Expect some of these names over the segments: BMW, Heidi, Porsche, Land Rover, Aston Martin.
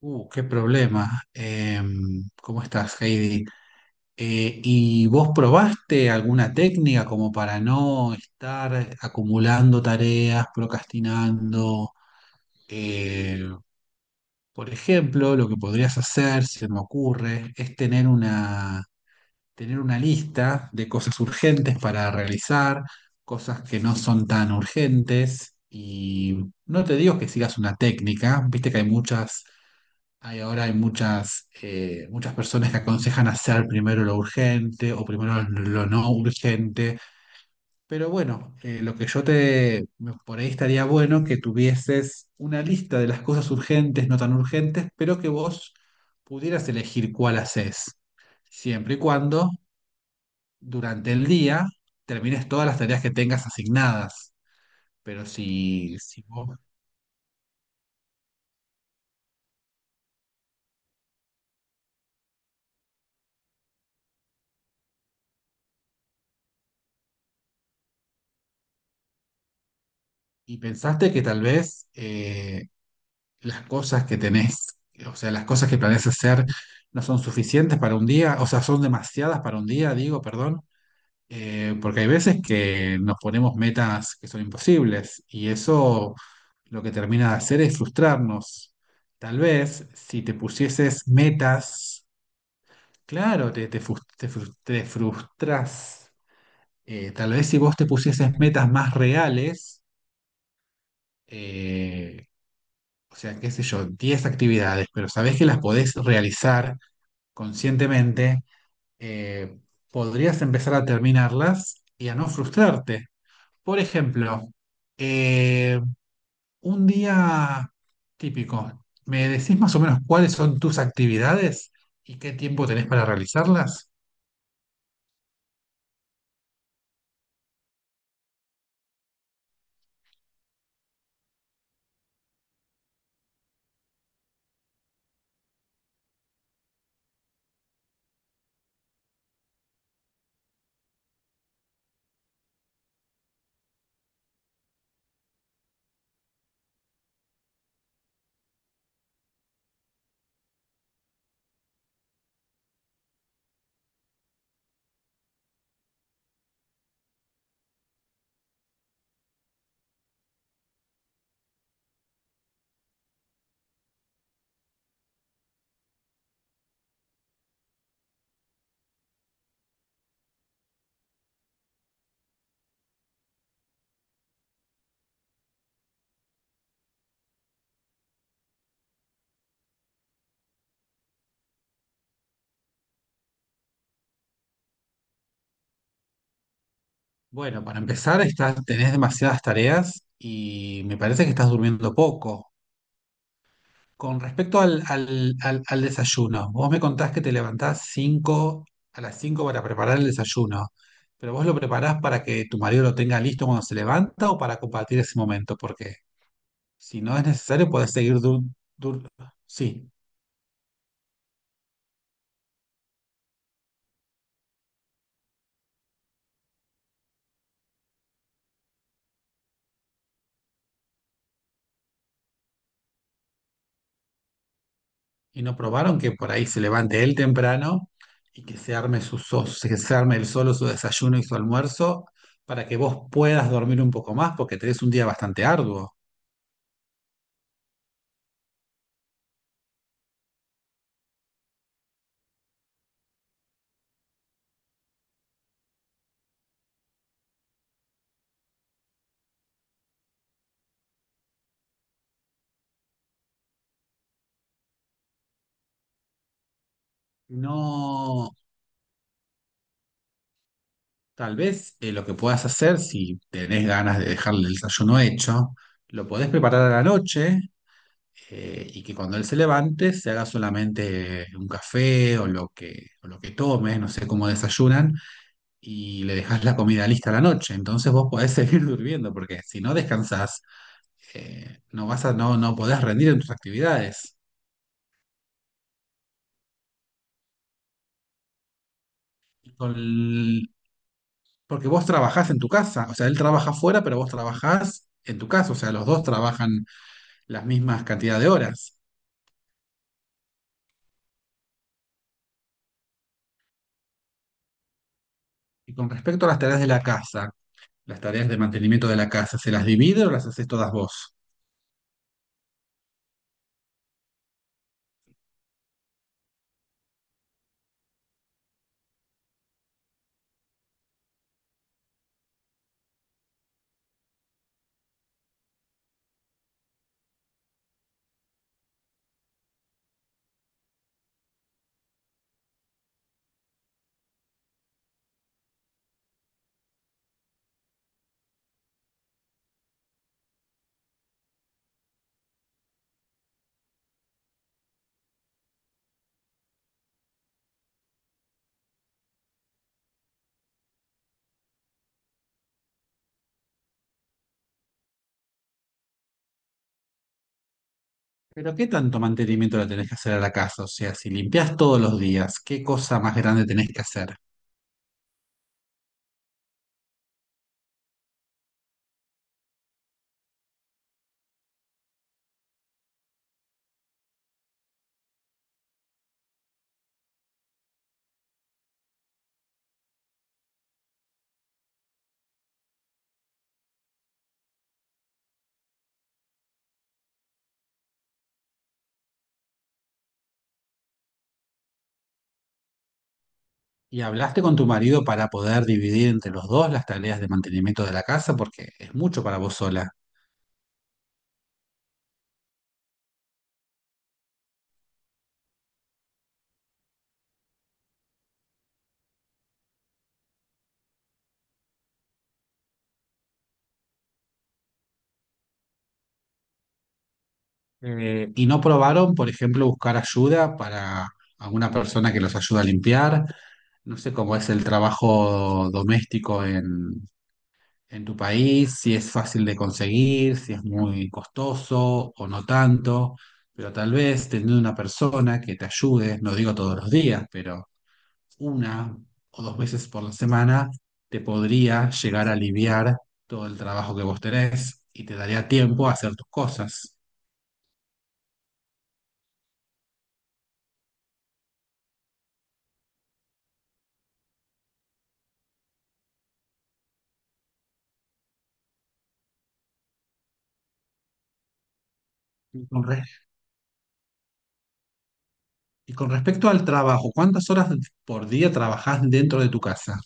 Qué problema. ¿Cómo estás, Heidi? ¿Y vos probaste alguna técnica como para no estar acumulando tareas, procrastinando? Eh, por ejemplo, lo que podrías hacer, si me ocurre, es tener una lista de cosas urgentes para realizar, cosas que no son tan urgentes. Y no te digo que sigas una técnica, viste que hay muchas hay ahora hay muchas, muchas personas que aconsejan hacer primero lo urgente o primero lo no urgente, pero bueno, lo que yo te, por ahí estaría bueno que tuvieses una lista de las cosas urgentes, no tan urgentes, pero que vos pudieras elegir cuál haces, siempre y cuando durante el día termines todas las tareas que tengas asignadas. Pero si, si vos, ¿Y pensaste que tal vez las cosas que tenés, o sea, las cosas que planeas hacer no son suficientes para un día? O sea, son demasiadas para un día, digo, perdón, porque hay veces que nos ponemos metas que son imposibles y eso lo que termina de hacer es frustrarnos. Tal vez si te pusieses metas, claro, te frustras. Tal vez si vos te pusieses metas más reales, eh, o sea, qué sé yo, 10 actividades, pero sabés que las podés realizar conscientemente. eh, Podrías empezar a terminarlas y a no frustrarte. Por ejemplo, eh, un día típico, ¿me decís más o menos cuáles son tus actividades y qué tiempo tenés para realizarlas? Bueno, para empezar, estás, tenés demasiadas tareas y me parece que estás durmiendo poco. Con respecto al desayuno, vos me contás que te levantás 5 a las 5 para preparar el desayuno, pero vos lo preparás para que tu marido lo tenga listo cuando se levanta o para compartir ese momento, porque si no es necesario podés seguir dur, dur- sí. ¿Y no probaron que por ahí se levante él temprano y que se arme que se arme él solo su desayuno y su almuerzo para que vos puedas dormir un poco más porque tenés un día bastante arduo? No. Tal vez lo que puedas hacer, si tenés ganas de dejarle el desayuno hecho, lo podés preparar a la noche, y que cuando él se levante se haga solamente un café o lo que tome, no sé cómo desayunan, y le dejás la comida lista a la noche. Entonces vos podés seguir durmiendo, porque si no descansás, no vas a, no, no podés rendir en tus actividades. Con Porque vos trabajás en tu casa, o sea, él trabaja afuera, pero vos trabajás en tu casa, o sea, los dos trabajan las mismas cantidad de horas. Y con respecto a las tareas de la casa, las tareas de mantenimiento de la casa, ¿se las divide o las haces todas vos? Pero ¿qué tanto mantenimiento le tenés que hacer a la casa? O sea, si limpias todos los días, ¿qué cosa más grande tenés que hacer? ¿Y hablaste con tu marido para poder dividir entre los dos las tareas de mantenimiento de la casa? Porque es mucho para vos sola. ¿Y no probaron, por ejemplo, buscar ayuda, para alguna persona que los ayude a limpiar? No sé cómo es el trabajo doméstico en tu país, si es fácil de conseguir, si es muy costoso o no tanto, pero tal vez teniendo una persona que te ayude, no digo todos los días, pero una o dos veces por la semana, te podría llegar a aliviar todo el trabajo que vos tenés y te daría tiempo a hacer tus cosas. Y con, re- y con respecto al trabajo, ¿cuántas horas por día trabajás dentro de tu casa?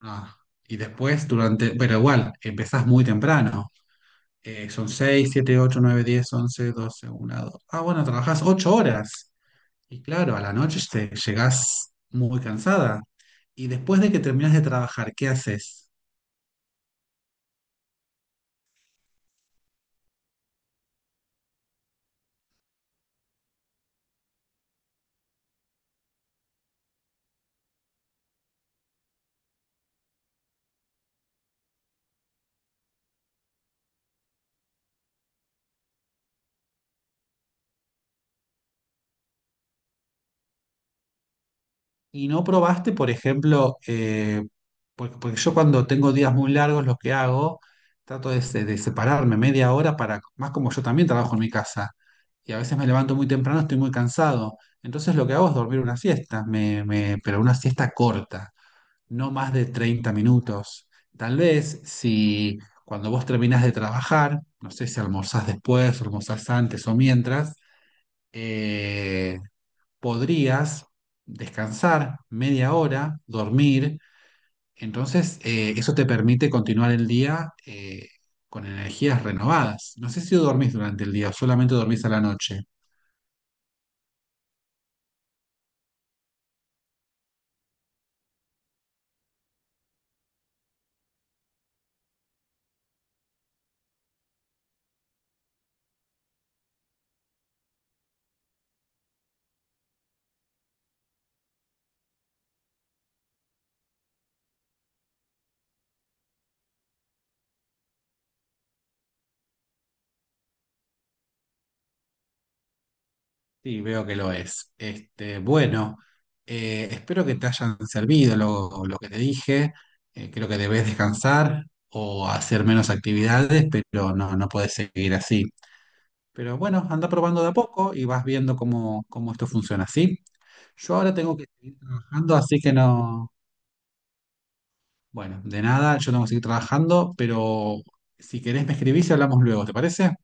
Ah, y después durante, pero igual, empezás muy temprano. Son seis, siete, ocho, nueve, diez, once, doce, una, dos. Ah, bueno, trabajás 8 horas. Y claro, a la noche te llegás muy cansada. Y después de que terminas de trabajar, ¿qué haces? Y no probaste, por ejemplo, porque, porque yo cuando tengo días muy largos, lo que hago, trato de separarme media hora para, más como yo también trabajo en mi casa. Y a veces me levanto muy temprano, estoy muy cansado. Entonces lo que hago es dormir una siesta, pero una siesta corta. No más de 30 minutos. Tal vez si cuando vos terminás de trabajar, no sé si almorzás después, almorzás antes o mientras, eh, podrías descansar media hora, dormir. Entonces, eso te permite continuar el día con energías renovadas. No sé si dormís durante el día o solamente dormís a la noche. Sí, veo que lo es. Este, bueno, espero que te hayan servido lo que te dije. Creo que debes descansar o hacer menos actividades, pero no, no puedes seguir así. Pero bueno, anda probando de a poco y vas viendo cómo esto funciona, ¿sí? Yo ahora tengo que seguir trabajando, así que no. Bueno, de nada, yo tengo que seguir trabajando, pero si querés me escribís y hablamos luego, ¿te parece?